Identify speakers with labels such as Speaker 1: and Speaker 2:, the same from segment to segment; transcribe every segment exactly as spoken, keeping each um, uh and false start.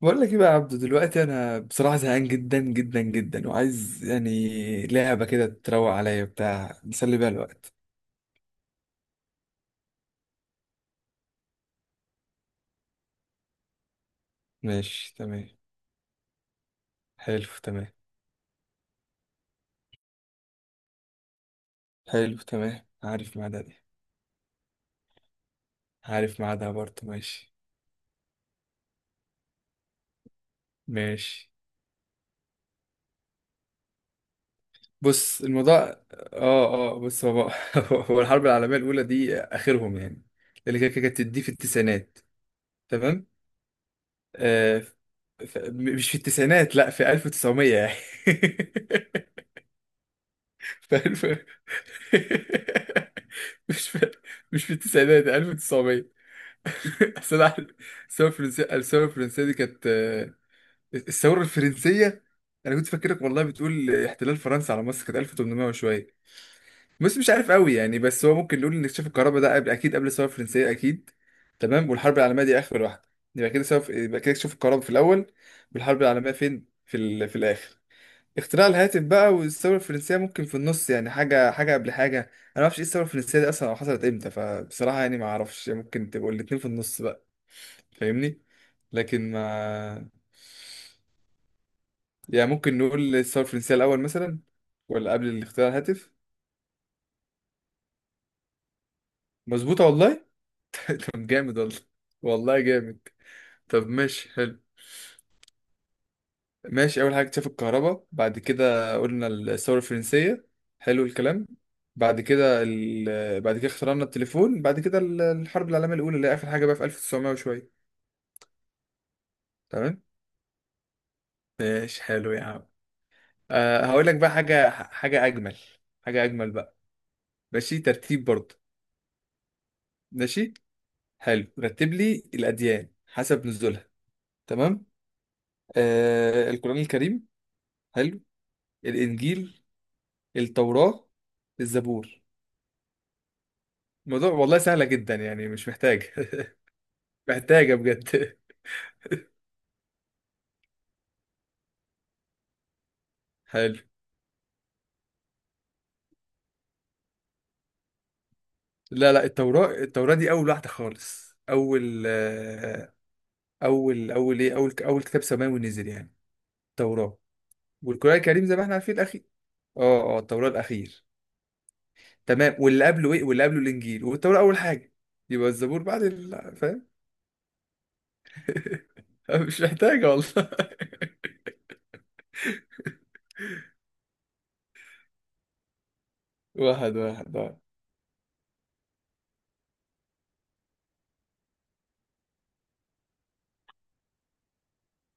Speaker 1: بقول لك ايه بقى يا عبدو، دلوقتي انا بصراحه زهقان جدا جدا جدا، وعايز يعني لعبه كده تروق عليا بتاع نسلي بيها الوقت. ماشي تمام. حلو تمام. حلو تمام، عارف ميعادها دي. عارف ميعادها برضه، ماشي. ماشي. بص الموضوع، اه اه بص، هو هو الحرب العالميه الاولى دي اخرهم يعني، اللي كانت كانت دي في التسعينات. تمام. آه ف... م- مش في التسعينات، لا في ألف وتسعمية يعني. في ألف. مش في، مش في التسعينات، ألف وتسعمية. أصل أنا عارف. الثورة الفرنسية، الثورة الفرنسية دي كانت آه، الثورة الفرنسية. أنا كنت فاكرك والله بتقول احتلال فرنسا على مصر كانت ألف وتمنمية وشوية، بس مش عارف قوي يعني. بس هو ممكن نقول إن اكتشاف الكهرباء ده قبل، أكيد قبل الثورة الفرنسية أكيد. تمام، والحرب العالمية دي آخر واحدة. يبقى كده سوف... يبقى كده اكتشاف الكهرباء في الأول، والحرب العالمية فين؟ في ال... في الآخر. اختراع الهاتف بقى والثورة الفرنسية ممكن في النص، يعني حاجة حاجة قبل حاجة. أنا ما أعرفش إيه الثورة الفرنسية دي أصلا أو حصلت إمتى، فبصراحة يعني ما أعرفش. ممكن تبقوا الاتنين في النص بقى، فاهمني. لكن ما يعني ممكن نقول الثورة الفرنسية الأول مثلا، ولا قبل الاختراع الهاتف. مظبوطة والله. طب جامد والله. والله جامد. طب ماشي، حلو. ماشي، اول حاجه اكتشاف الكهرباء، بعد كده قلنا الثوره الفرنسيه. حلو الكلام. بعد كده ال... بعد كده اخترعنا التليفون، بعد كده ال- الحرب العالميه الاولى اللي هي اخر حاجه بقى في ألف وتسعمية وشويه. تمام. ماشي حلو يا عم. أه، هقول لك بقى حاجه، حاجه اجمل. حاجه اجمل بقى، ماشي، ترتيب برضه. ماشي حلو، رتب لي الاديان حسب نزولها. تمام. أه، القران الكريم. حلو. الانجيل. التوراه. الزبور. الموضوع والله سهله جدا يعني، مش محتاج. محتاجة بجد. حلو. لا لا، التوراة، التوراة دي أول واحدة خالص، أول آه، أول أول إيه، أول أول كتاب سماوي نزل يعني، التوراة. والقرآن الكريم زي ما احنا عارفين الأخير. أه أه، التوراة الأخير. تمام، واللي قبله إيه؟ واللي قبله الإنجيل، والتوراة أول حاجة. يبقى الزبور بعد ال... فاهم. مش محتاجة والله. واحد واحد اه.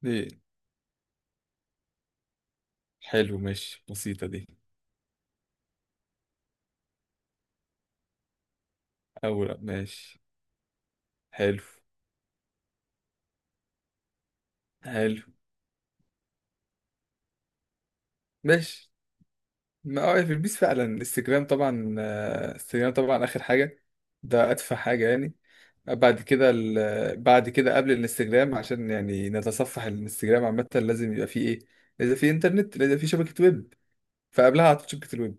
Speaker 1: دي حلو، ماشي، بسيطة دي. أول، ماشي. حلو. حلو. ماشي. ما اه في البيس فعلا، انستجرام طبعا، آه، انستجرام طبعا اخر حاجه. ده ادفع حاجه يعني. بعد كده ال... بعد كده قبل الانستجرام، عشان يعني نتصفح الانستجرام عامه لازم يبقى فيه ايه، لازم فيه انترنت، لازم فيه شبكه ويب. فقبلها على طول شبكه الويب.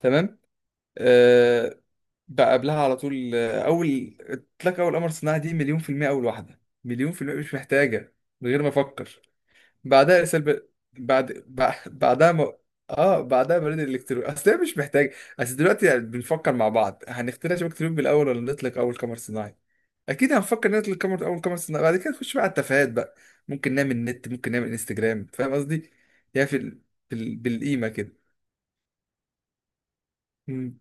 Speaker 1: تمام. أه، بقى قبلها على طول، آه، اول اطلاق اول قمر صناعي، دي مليون في المية، اول واحده مليون في المية، مش محتاجه من غير ما افكر. بعدها سلب. بعد بع- بعدها م... اه بعدها بريد الالكتروني، اصل هي مش محتاج. اصل دلوقتي يعني بنفكر مع بعض، هنخترع شبكة لوب بالاول ولا نطلق اول قمر صناعي؟ اكيد هنفكر نطلق قمر، اول قمر صناعي، بعد كده نخش بقى على التفاهات بقى، ممكن نعمل نت، ممكن نعمل انستجرام. فاهم قصدي يعني؟ في ال... في ال... بالقيمة كده. مم.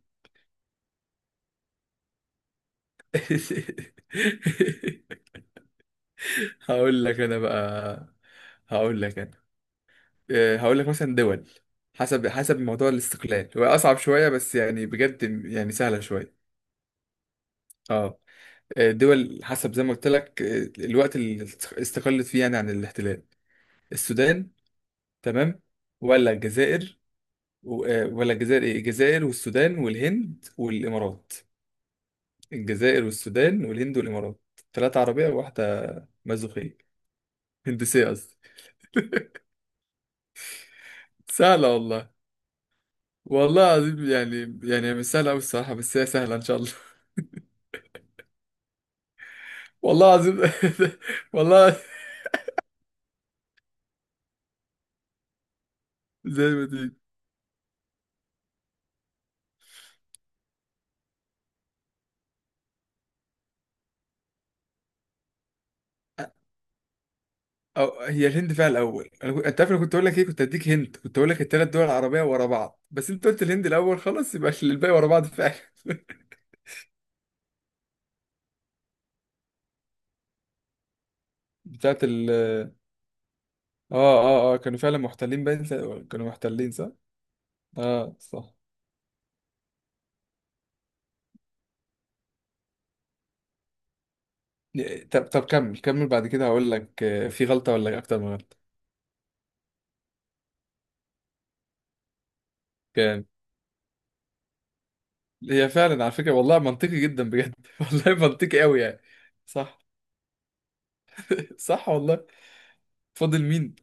Speaker 1: هقول لك انا بقى. هقول لك انا، آه، هقول لك مثلا دول حسب، حسب موضوع الاستقلال. هو اصعب شويه بس يعني، بجد يعني سهله شويه. اه، آه، دول حسب زي ما قلت لك، آه، الوقت اللي است- استقلت فيه يعني عن الاحتلال. السودان، تمام، ولا الجزائر. و- آه، ولا الجزائر، ايه؟ الجزائر والسودان والهند والامارات. الجزائر والسودان والهند والامارات. ثلاثه عربيه وواحده مازوخيه. هندسيه قصدي. سهله والله. والله العظيم يعني، يعني مش سهله قوي الصراحه، بس هي سهله ان شاء الله. والله العظيم. والله. زي ما دي. أو هي الهند فيها الاول، انا كنت، انت عارف انا كنت اقول لك ايه، كنت اديك هند، كنت اقول لك الثلاث دول العربيه ورا بعض، بس انت قلت الهند الاول خلاص، يبقى الباقي ورا بعض فعلا. بتاعت ال، اه اه اه كانوا فعلا محتلين باين، سا- كانوا محتلين صح. اه صح. طب، طب كمل، كمل بعد كده هقول لك، آه، في غلطه ولا اكتر من غلطه. كام؟ هي فعلا على فكره والله منطقي جدا بجد. والله منطقي قوي يعني. صح. صح والله. فاضل مين؟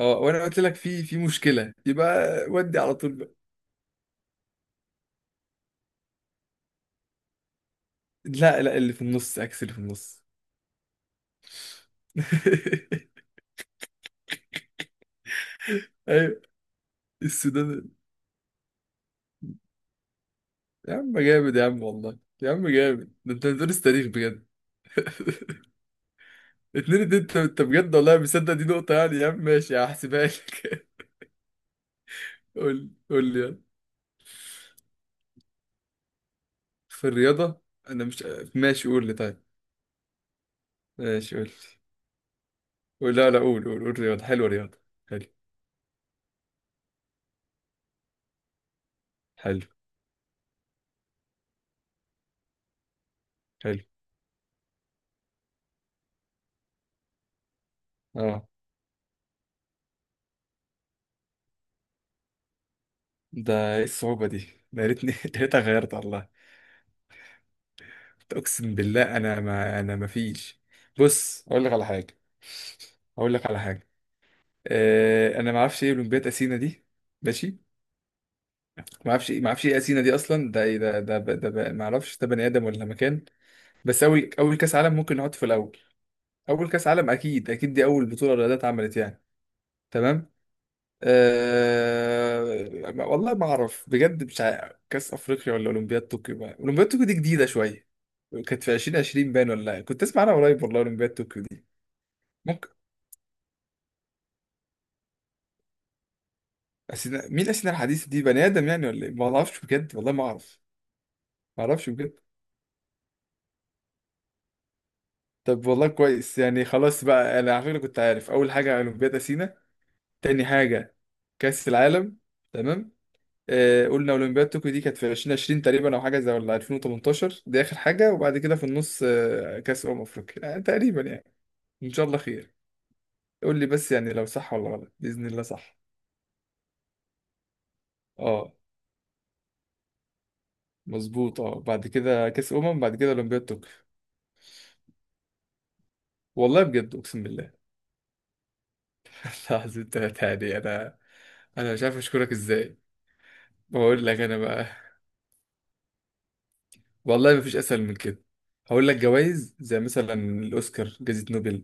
Speaker 1: اه، وانا قلت لك في، في مشكله يبقى. ودي على طول بقى. لا لا، اللي في النص عكس اللي في النص. ايوه. السودان. يا عم جامد، يا عم والله، يا عم جامد، ده انت بتدرس تاريخ بجد. اتنين اتنين، انت، انت بجد والله مصدق دي نقطه يعني يا عم. ماشي، هحسبها لك. قول، قول لي يلا. في الرياضه. انا مش، ماشي قول لي طيب. ماشي قول لي. قول، لا لا قول، قول قول رياضه، حلوه رياضه. حلو. حلو. حلو. اه، ده ايه الصعوبه دي؟ ده يا ريتني يا ريت غيرت والله. اقسم بالله انا ما، انا ما فيش. بص اقول لك على حاجه، اقول لك على حاجه. أه، انا ما اعرفش ايه اولمبياد اثينا دي. ماشي. ما اعرفش، ما اعرفش ايه اثينا دي اصلا، ده ايه ده، ده ب- ده ب- ما اعرفش ده بني ادم ولا مكان. بس اول، اول كاس عالم ممكن نحط في الاول. اول كاس عالم اكيد، اكيد دي اول بطوله الرياضات اتعملت يعني. تمام. أه ما- والله ما اعرف بجد، مش عارف كاس افريقيا ولا اولمبياد طوكيو بقى. اولمبياد طوكيو دي جديده شويه، كانت في ألفين وعشرين باين ولا إيه؟ كنت اسمع انا قريب والله اولمبياد طوكيو دي. ممكن. أثينا مين؟ أثينا الحديث دي بني آدم يعني ولا إيه؟ ما أعرفش بجد والله، ما أعرف. ما أعرفش بجد. طب والله كويس يعني. خلاص بقى، أنا على فكرة كنت عارف. أول حاجة أولمبياد أثينا. تاني حاجة كأس العالم. تمام. آه، قلنا أولمبياد طوكيو دي كانت في ألفين وعشرين تقريبا أو حاجة زي، ولا ألفين وتمنتاشر دي آخر حاجة، وبعد كده في النص آه كأس أمم أفريقيا، آه تقريبا يعني. إن شاء الله خير. قول لي بس يعني لو صح ولا غلط، بإذن الله صح. أه، مظبوط. أه، بعد كده كأس أمم، بعد كده أولمبياد طوكيو. والله بجد أقسم بالله. العظيم انت. يعني انا، انا مش عارف اشكرك ازاي. بقول لك انا بقى. والله مفيش اسهل من كده. هقول لك جوائز زي مثلا الاوسكار، جائزة نوبل،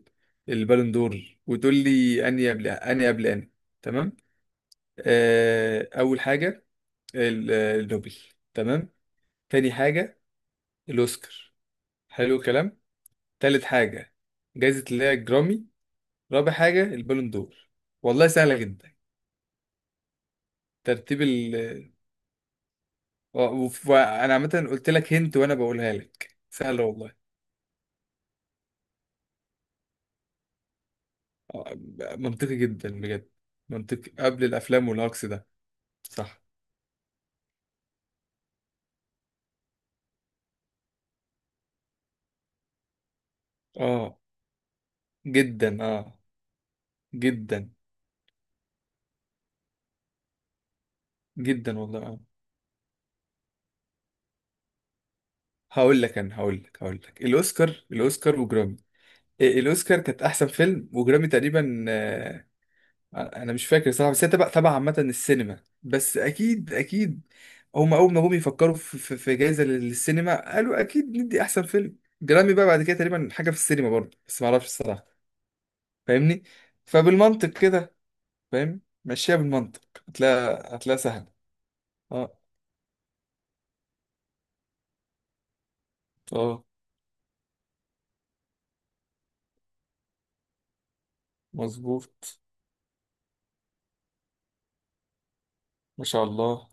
Speaker 1: البالون دور، وتقول لي اني قبل اني قبل اني. تمام. آه اول حاجة، ال- آه، النوبل. تمام. تاني حاجة الاوسكار. حلو الكلام. تالت حاجة جائزة اللي هي الجرامي. رابع حاجة البالون دور. والله سهلة جدا، ترتيب. وانا عامه قلت لك هنت وانا بقولها لك سهله والله. آه، منطقي جدا بجد. منطقي قبل الافلام والهجص ده. صح. اه، جدا اه. جدا. جدا والله اه. هقول لك انا، هقول لك هقول لك الاوسكار، الاوسكار وجرامي. إيه، الاوسكار كانت احسن فيلم، وجرامي تقريبا، آه، انا مش فاكر صراحه، بس هي تبع، تبع عامه السينما، بس اكيد اكيد هم اول ما جم يفكروا في، في, في جائزه للسينما قالوا اكيد ندي احسن فيلم. جرامي بقى بعد كده تقريبا حاجه في السينما برضه، بس ما اعرفش الصراحه، فاهمني. فبالمنطق كده، فاهم، مشيها بالمنطق هتلاقي، هتلاقي سهل. اه. اه مظبوط. ما شاء الله.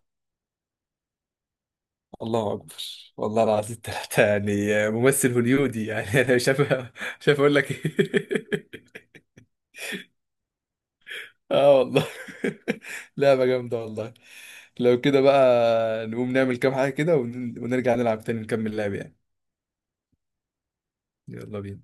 Speaker 1: الله اكبر. والله العظيم ثلاثه يعني ممثل هوليودي يعني. انا مش عارف مش عارف اقول لك ايه. اه والله. لعبة جامدة والله. لو كده بقى نقوم نعمل كام حاجة كده، ون- ونرجع نلعب تاني، نكمل لعب يعني. يلا بينا.